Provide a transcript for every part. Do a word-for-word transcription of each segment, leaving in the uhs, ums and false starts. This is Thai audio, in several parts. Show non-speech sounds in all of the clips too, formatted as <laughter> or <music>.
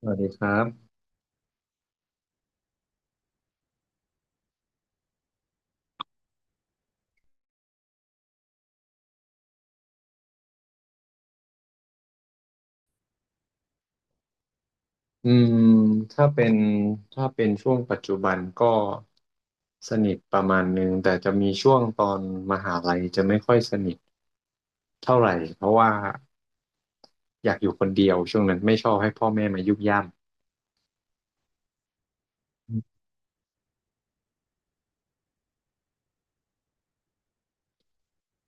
สวัสดีครับอืมถ้าเป็นถ้าเป็นช่วงปัจจุบันก็สนิทประมาณหนึ่ง แต่จะมีช่วงตอนมหาลัยจะไม่ค่อยสนิทเท่าไหร่ เพราะว่าอยากอยู่คนเดียวช่วงนั้นไม่ชอบให้พ่อแม่มายุ่งย่ำ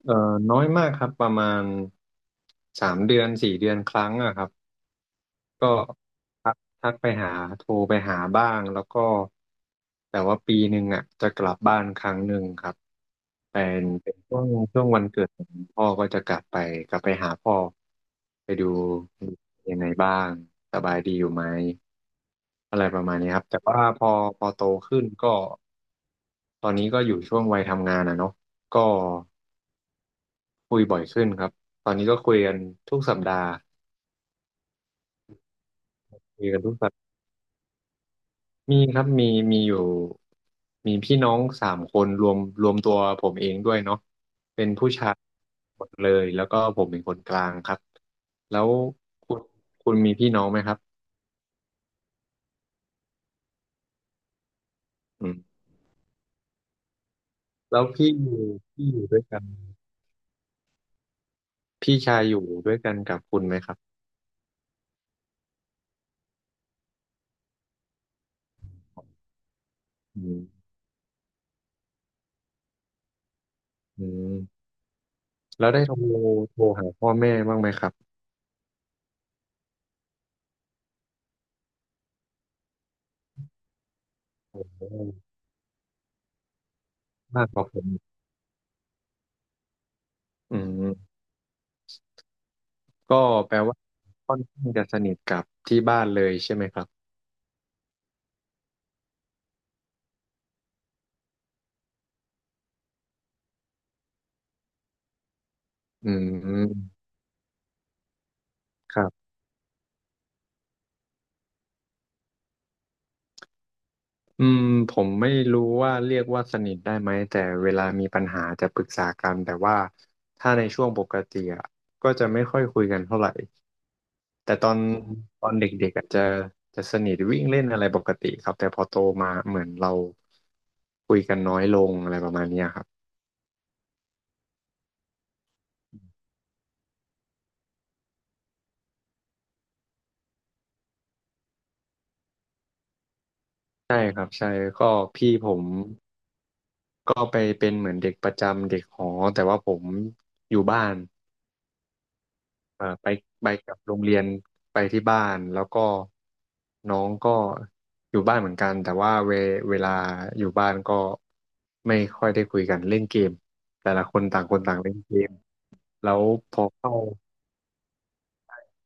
เอ่อน้อยมากครับประมาณสามเดือนสี่เดือนครั้งอะครับก็ ทักไปหาโทรไปหาบ้างแล้วก็แต่ว่าปีหนึ่งอ่ะจะกลับบ้านครั้งหนึ่งครับเป็นเป็นช่วงช่วงวันเกิดของพ่อก็จะกลับไปกลับไปหาพ่อไปดูยังไงบ้างสบายดีอยู่ไหมอะไรประมาณนี้ครับแต่ว่าพอพอโตขึ้นก็ตอนนี้ก็อยู่ช่วงวัยทำงานอ่ะเนาะก็คุยบ่อยขึ้นครับตอนนี้ก็คุยกันทุกสัปดาห์คุยกันทุกสัป มีครับมีมีอยู่มีพี่น้องสามคนรวมรวมตัวผมเองด้วยเนาะเป็นผู้ชายหมดเลยแล้วก็ผมเป็นคนกลางครับแล้วคุณคุณมีพี่น้องไหมครับอืมแล้วพี่อยู่พี่อยู่ด้วยกันพี่ชายอยู่ด้วยกันกับคุณไหมครับอืมอืมแล้วได้โทรโทรหาพ่อแม่บ้างไหมครับโอ้โหมากกว่าผมอืมก็แปลว่าค่อนข้างจะสนิทกับที่บ้านเลยใช่ไหมครับอืมครับ อืมผมไม่รู้ว่าเรียกว่าสนิทได้ไหมแต่เวลามีปัญหาจะปรึกษากันแต่ว่าถ้าในช่วงปกติอะก็จะไม่ค่อยคุยกันเท่าไหร่แต่ตอนอืมตอนเด็กๆอะจะจะสนิทวิ่งเล่นอะไรปกติครับแต่พอโตมาเหมือนเราคุยกันน้อยลงอะไรประมาณเนี้ยครับใช่ครับใช่ก็พี่ผมก็ไปเป็นเหมือนเด็กประจำเด็กหอแต่ว่าผมอยู่บ้าน เอ่อไปไปกับโรงเรียนไปที่บ้านแล้วก็น้องก็อยู่บ้านเหมือนกันแต่ว่าเวเวลาอยู่บ้านก็ไม่ค่อยได้คุยกันเล่นเกมแต่ละคนต่างคนต่างเล่นเกมแล้วพอเข้า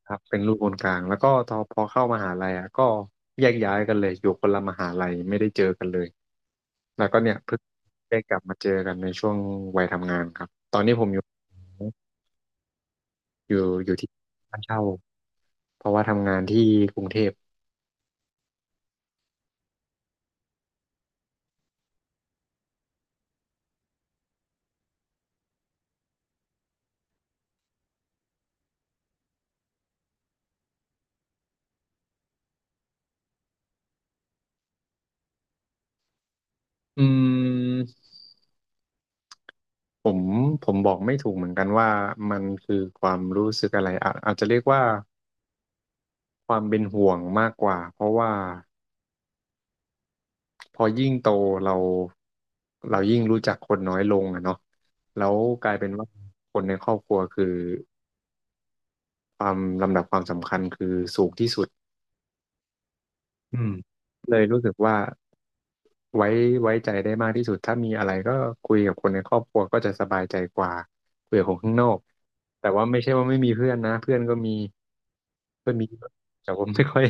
ครับเป็นลูกคนกลางแล้วก็พอพอเข้ามหาลัยอ่ะก็แยกย้ายกันเลยอยู่คนละมหาลัยไม่ได้เจอกันเลยแล้วก็เนี่ยเพิ่งได้กลับมาเจอกันในช่วงวัยทำงานครับอยู่อยู่ที่บ้านเช่าเพราะว่าทำงานที่กรุงเทพ อืมผมผมบอกไม่ถูกเหมือนกันว่ามันคือความรู้สึกอะไรอะอาจจะเรียกว่าความเป็นห่วงมากกว่าเพราะว่าพอยิ่งโตเราเรายิ่งรู้จักคนน้อยลงอะเนาะแล้วกลายเป็นว่าคนในครอบครัวคือความลำดับความสำคัญคือสูงที่สุด อืมเลยรู้สึกว่าไว้ไว้ใจได้มากที่สุดถ้ามีอะไรก็คุยกับคนในครอบครัวก็จะสบายใจกว่าคุยกับคนข้างนอกแต่ว่าไม่ใช่ว่าไม่มีเพื่อนนะเพื่อนก็มีเพื่อนมีเยอะแต่ผมไม่ค่อย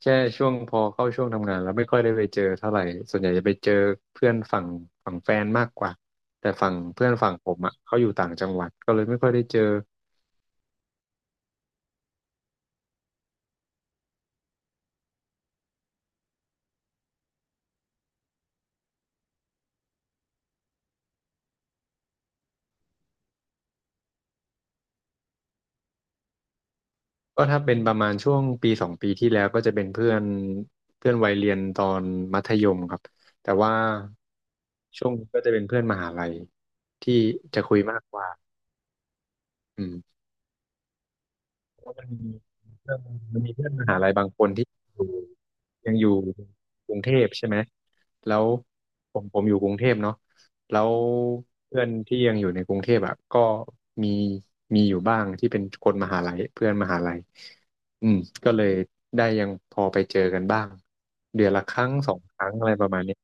แค่ช่วงพอเข้าช่วงทำงานแล้วไม่ค่อยได้ไปเจอเท่าไหร่ส่วนใหญ่จะไปเจอเพื่อนฝั่งฝั่งแฟนมากกว่าแต่ฝั่งเพื่อนฝั่งผมอ่ะเขาอยู่ต่างจังหวัดก็เลยไม่ค่อยได้เจอ ก็ถ้าเป็นประมาณช่วงปีสองปีที่แล้วก็จะเป็นเพื่อนเพื่อนวัยเรียนตอนมัธยมครับแต่ว่าช่วงนี้ก็จะเป็นเพื่อนมหาลัยที่จะคุยมากกว่าอืม ว่ามันมีเพื่อนมันมีเพื่อนมหาลัยบางคนที่อยู่ยังอยู่กรุงเทพใช่ไหมแล้วผมผมอยู่กรุงเทพเนาะแล้วเพื่อนที่ยังอยู่ในกรุงเทพอ่ะก็มีมีอยู่บ้างที่เป็นคนมหาลัยเพื่อนมหาลัยอืมก็เลยได้ยังพอไปเจอกันบ้างเดือนละครั้งสองครั้งอะไรประมาณนี้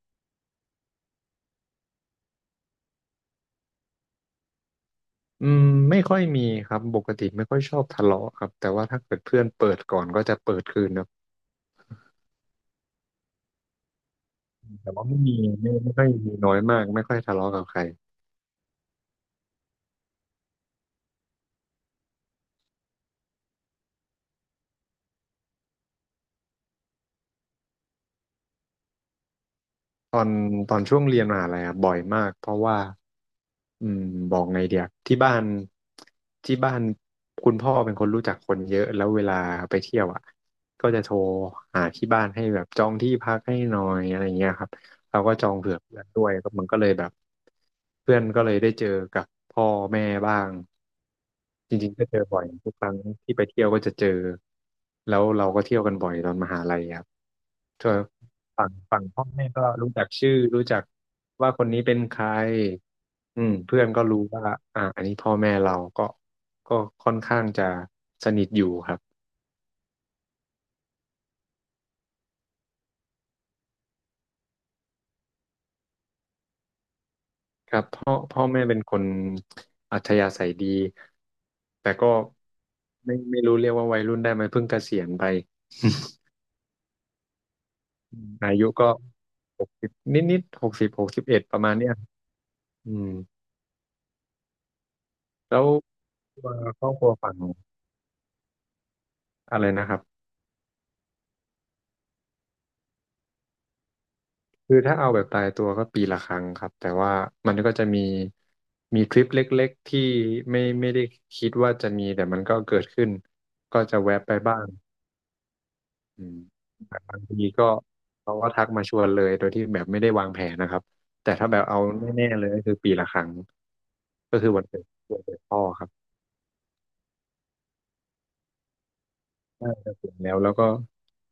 อืมไม่ค่อยมีครับปกติไม่ค่อยชอบทะเลาะครับแต่ว่าถ้าเกิดเพื่อนเปิดก่อนก็จะเปิดคืนนะ แต่ว่าไม่มีไม่ไม่ค่อยมีน้อยมากไม่ค่อยทะเลาะกับใครตอนตอนช่วงเรียนมหาลัยอะบ่อยมากเพราะว่าอืมบอกไงเดียที่บ้านที่บ้านคุณพ่อเป็นคนรู้จักคนเยอะแล้วเวลาไปเที่ยวอ่ะก็จะโทรหาที่บ้านให้แบบจองที่พักให้หน่อยอะไรเงี้ยครับเราก็จองเผื่อเพื่อนด้วยก็มันก็เลยแบบเพื่อนก็เลยได้เจอกับพ่อแม่บ้าง จริงๆก็เจอบ่อยทุกครั้งที่ไปเที่ยวก็จะเจอแล้วเราก็เที่ยวกันบ่อยตอนมหาลัยครับเธอฝั่งฝั่งพ่อแม่ก็รู้จักชื่อรู้จักว่าคนนี้เป็นใครอืมเพื่อนก็รู้ว่าอ่าอันนี้พ่อแม่เราก็ก็ค่อนข้างจะสนิทอยู่ครับครับพ่อพ่อแม่เป็นคนอัธยาศัยดีแต่ก็ไม่ไม่รู้เรียกว่าวัยรุ่นได้ไหมเพิ่งเกษียณไปอายุก็หกสิบนิดนิดหกสิบหกสิบเอ็ดประมาณเนี้ย อืมแล้วตัวครอบครัวฝั่งอะไรนะครับคือถ้าเอาแบบตายตัวก็ปีละครั้งครับแต่ว่ามันก็จะมีมีทริปเล็กๆที่ไม่ไม่ได้คิดว่าจะมีแต่มันก็เกิดขึ้นก็จะแวะไปบ้างอืมบางทีก็เขาก็ทักมาชวนเลยโดยที่แบบไม่ได้วางแผนนะครับแต่ถ้าแบบเอาแน่ๆเลยก็คือปีละครั้งก็คือวันเกิดวันเกิดพ่อครับน่าจะถึงแล้วแล้วก็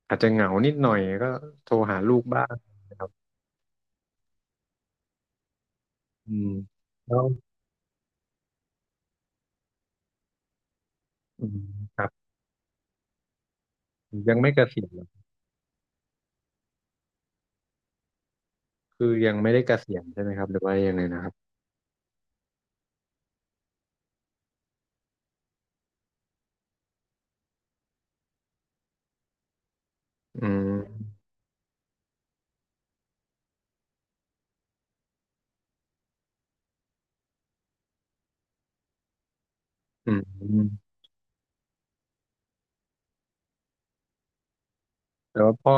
อาจจะเหงานิดหน่อยก็โทรหาลูกบ้างนะครับอืมแล้ว อืมครับยังไม่เกษียณเหรอคือยังไม่ได้เกษียณใช่ไหมครับหรือว่ายังไงนะครับอืมอืมแต่ว่าพ่อ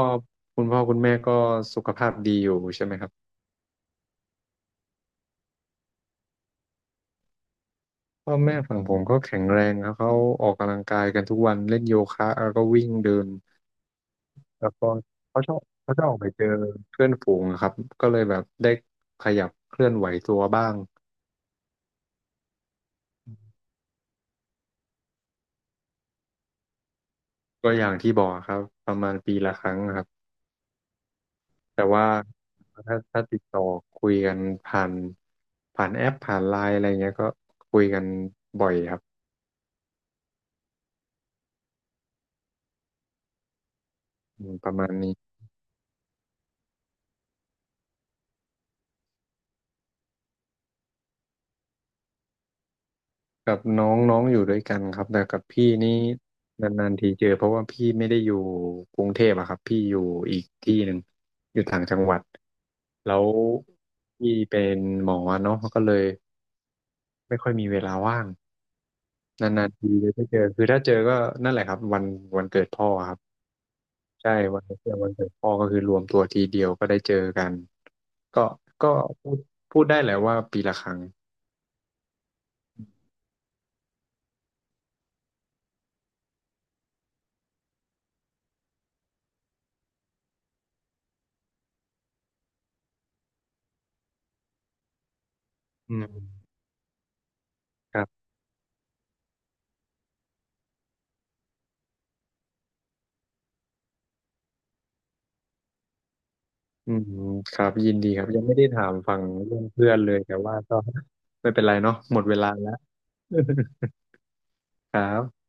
คุณพ่อคุณแม่ก็สุขภาพดีอยู่ใช่ไหมครับพ่อแม่ฝั่งผมก็แข็งแรงครับเขาออกกำลังกายกันทุกวันเล่นโยคะแล้วก็วิ่งเดินแล้วก็เขาชอบเขาชอบออกไปเจอเพื่อนฝูงอะครับก็เลยแบบได้ขยับเคลื่อนไหวตัวบ้างก็อย่างที่บอกครับประมาณปีละครั้งครับ แต่ว่าถ้าถ้าติดต่อคุยกันผ่านผ่านแอปผ่านไลน์อะไรเงี้ยก็คุยกันบ่อยครับอืมประมาณนี้กับน้องน้องอยู่ด้วยกันครับแต่กับพี่นี่นานๆทีเจอเพราะว่าพี่ไม่ได้อยู่กรุงเทพอะครับพี่อยู่อีกที่หนึ่งอยู่ต่างจังหวัดแล้วพี่เป็นหมอเนาะก็เลยไม่ค่อยมีเวลาว่างนานๆทีเลยได้เจอคือถ้าเจอก็นั่นแหละครับวันวันเกิดพ่อครับ ใช่วันเพื่อนวันเกิดพ่อก็คือรวมตัวทีเดียวก็ได้เจอกัน ก็ก็พูดพูดได้แหละว่าปีละครั้งอืมครับอืมครับ ยินดีครับ ยังไม่ได้ถามฝั่งเรื่องเพื่อนเลยแต่ว่าก็ไม่เป็นไรเนาะหมดเวลาแล้ว <laughs> ครับ